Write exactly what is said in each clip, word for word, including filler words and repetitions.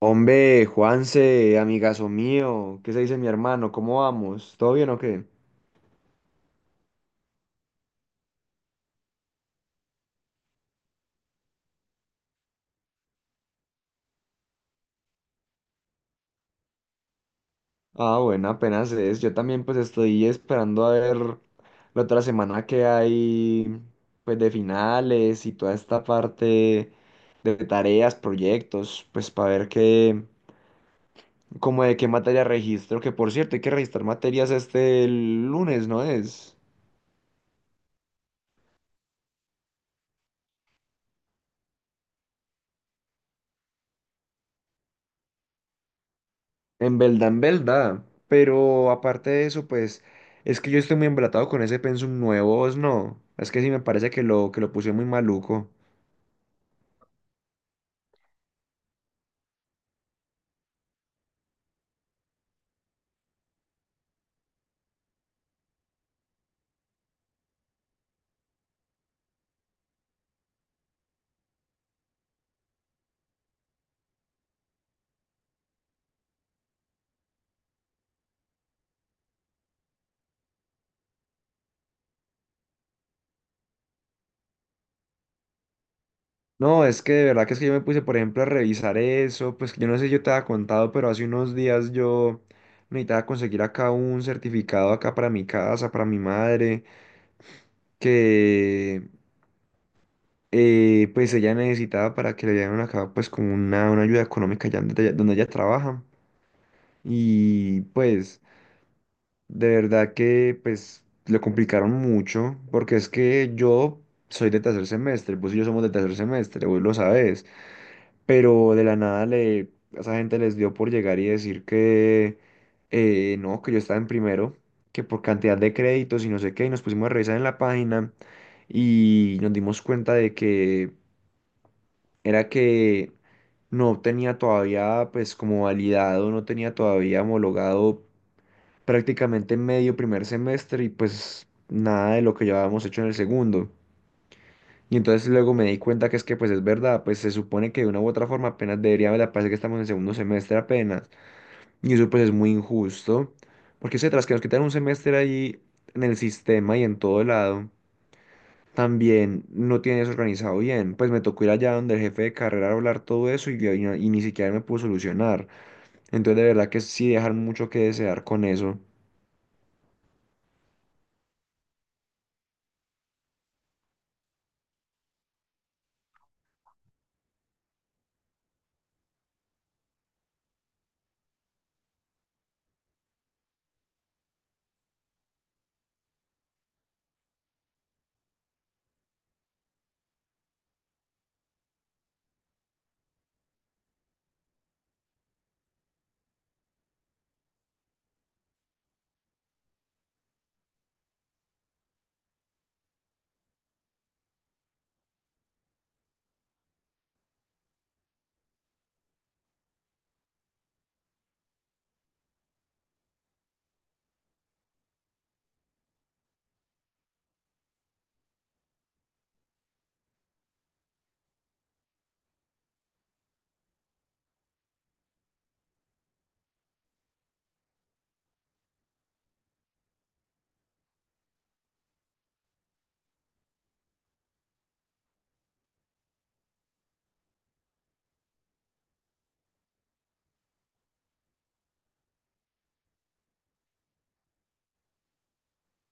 Hombre, Juanse, amigazo mío, ¿qué se dice mi hermano? ¿Cómo vamos? ¿Todo bien o qué? Ah, bueno, apenas es. Yo también pues estoy esperando a ver la otra semana que hay pues de finales y toda esta parte de tareas, proyectos, pues para ver qué, como de qué materia registro, que por cierto hay que registrar materias este lunes, ¿no es? En verdad, en verdad. Pero aparte de eso, pues es que yo estoy muy embalatado con ese pensum nuevo, es no. Es que sí me parece que lo, que lo puse muy maluco. No, es que de verdad que es que yo me puse, por ejemplo, a revisar eso. Pues yo no sé si yo te había contado, pero hace unos días yo necesitaba conseguir acá un certificado acá para mi casa, para mi madre, que eh, pues ella necesitaba para que le dieran acá pues como una, una ayuda económica allá donde ella donde ella trabaja. Y pues... De verdad que pues lo complicaron mucho, porque es que yo soy de tercer semestre, vos y yo somos de tercer semestre, vos lo sabes, pero de la nada le, a esa gente les dio por llegar y decir que eh, no, que yo estaba en primero, que por cantidad de créditos y no sé qué, y nos pusimos a revisar en la página y nos dimos cuenta de que era que no tenía todavía pues como validado, no tenía todavía homologado prácticamente medio primer semestre y pues nada de lo que ya habíamos hecho en el segundo. Y entonces luego me di cuenta que es que pues es verdad, pues se supone que de una u otra forma apenas debería me la parece que estamos en segundo semestre apenas. Y eso pues es muy injusto, porque se tras que nos quitan un semestre ahí en el sistema y en todo lado, también no tienes organizado bien. Pues me tocó ir allá donde el jefe de carrera a hablar todo eso y, y y ni siquiera me pudo solucionar. Entonces de verdad que sí dejar mucho que desear con eso.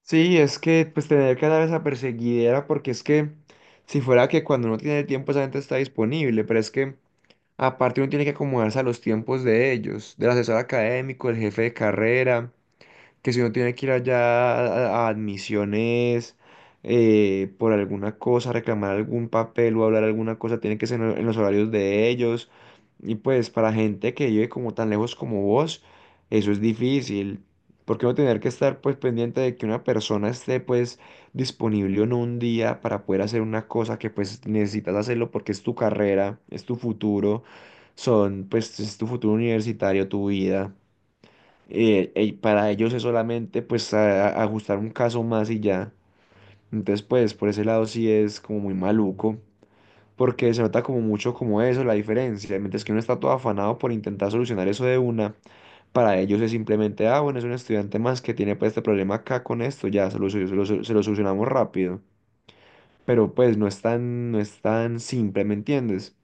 Sí, es que pues tener que dar esa perseguidera porque es que si fuera que cuando uno tiene el tiempo esa gente está disponible, pero es que aparte uno tiene que acomodarse a los tiempos de ellos, del asesor académico, el jefe de carrera que si uno tiene que ir allá a, a admisiones eh, por alguna cosa, reclamar algún papel o hablar alguna cosa, tiene que ser en en los horarios de ellos. Y pues para gente que vive como tan lejos como vos, eso es difícil. Porque uno tener que estar pues pendiente de que una persona esté pues disponible en un día para poder hacer una cosa que pues necesitas hacerlo porque es tu carrera, es tu futuro, son pues es tu futuro universitario, tu vida eh, eh, y para ellos es solamente pues a- a- ajustar un caso más y ya. Entonces pues por ese lado sí es como muy maluco, porque se nota como mucho como eso, la diferencia. Mientras que uno está todo afanado por intentar solucionar eso de una, para ellos es simplemente, ah, bueno, es un estudiante más que tiene pues este problema acá con esto, ya se lo, solu- se lo solu- se lo solucionamos rápido. Pero pues no es tan, no es tan simple, ¿me entiendes?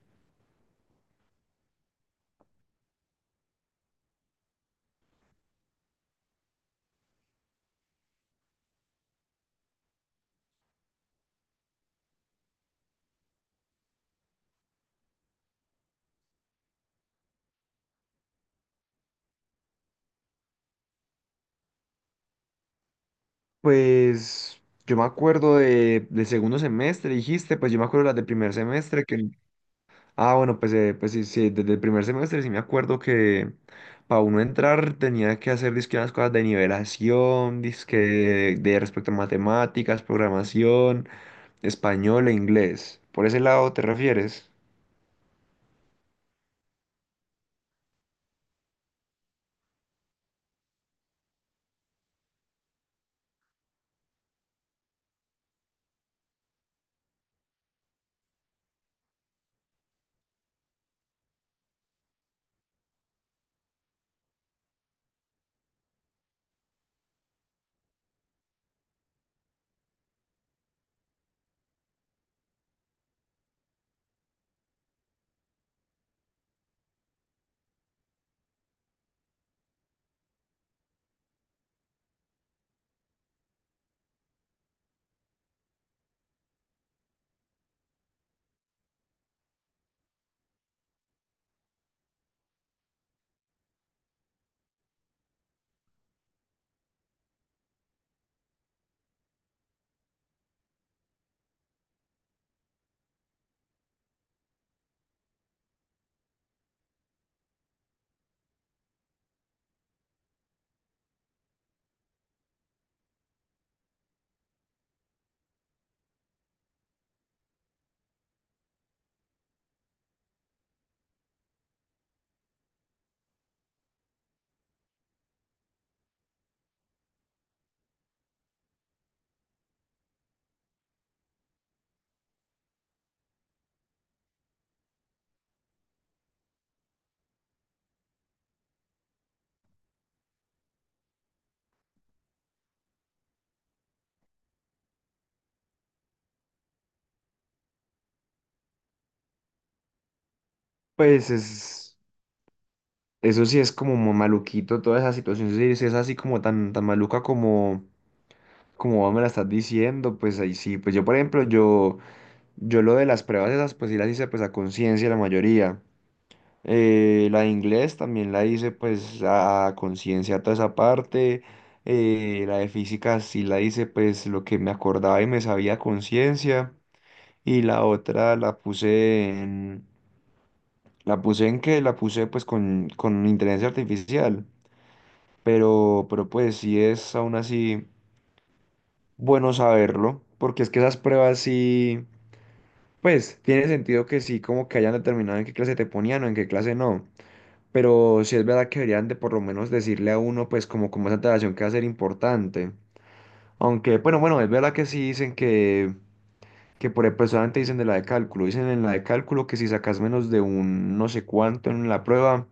Pues yo me acuerdo de, de segundo semestre, dijiste, pues yo me acuerdo las del primer semestre que Ah, bueno, pues, eh, pues sí, sí, desde el primer semestre sí me acuerdo que para uno entrar tenía que hacer dizque unas cosas de nivelación, disque de, de respecto a matemáticas, programación, español e inglés. ¿Por ese lado te refieres? Pues es, eso sí es como mo- maluquito, toda esa situación, sí, sí es así como tan, tan maluca como, como vos me la estás diciendo, pues ahí sí, pues yo por ejemplo, yo, yo lo de las pruebas esas, pues sí las hice pues a conciencia la mayoría. Eh, la de inglés también la hice pues a, a conciencia toda esa parte. Eh, la de física sí la hice pues lo que me acordaba y me sabía a conciencia. Y la otra la puse en... ¿La puse en qué? La puse pues con, con inteligencia artificial. Pero, pero pues sí es aún así bueno saberlo. Porque es que esas pruebas sí... Pues tiene sentido que sí como que hayan determinado en qué clase te ponían o en qué clase no. Pero sí es verdad que deberían de por lo menos decirle a uno, pues, como, como esa antelación que va a ser importante. Aunque, bueno, bueno, es verdad que sí dicen que, que por ejemplo, solamente dicen de la de cálculo. Dicen en la de cálculo que si sacas menos de un no sé cuánto en la prueba,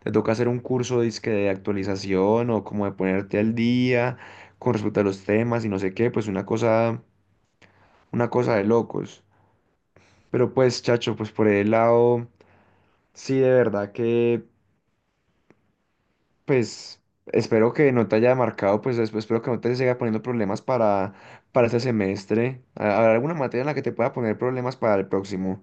te toca hacer un curso dizque de actualización o como de ponerte al día con respecto a los temas y no sé qué, pues una cosa, una cosa de locos. Pero pues, chacho, pues por el lado, sí, de verdad que. Pues espero que no te haya marcado, pues esp- espero que no te siga poniendo problemas para, para este semestre. ¿Ha- ¿Habrá alguna materia en la que te pueda poner problemas para el próximo?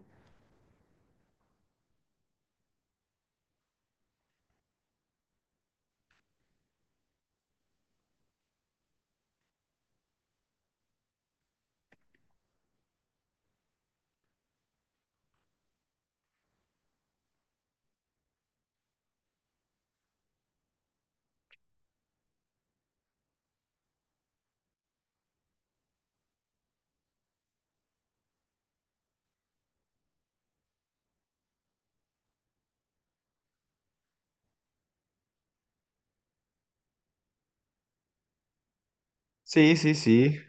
Sí, sí, sí.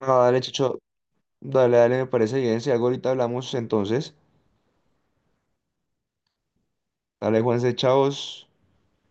No, dale, Chicho, dale, dale, me parece bien. Si algo ahorita hablamos entonces. Dale, Juanse, chavos.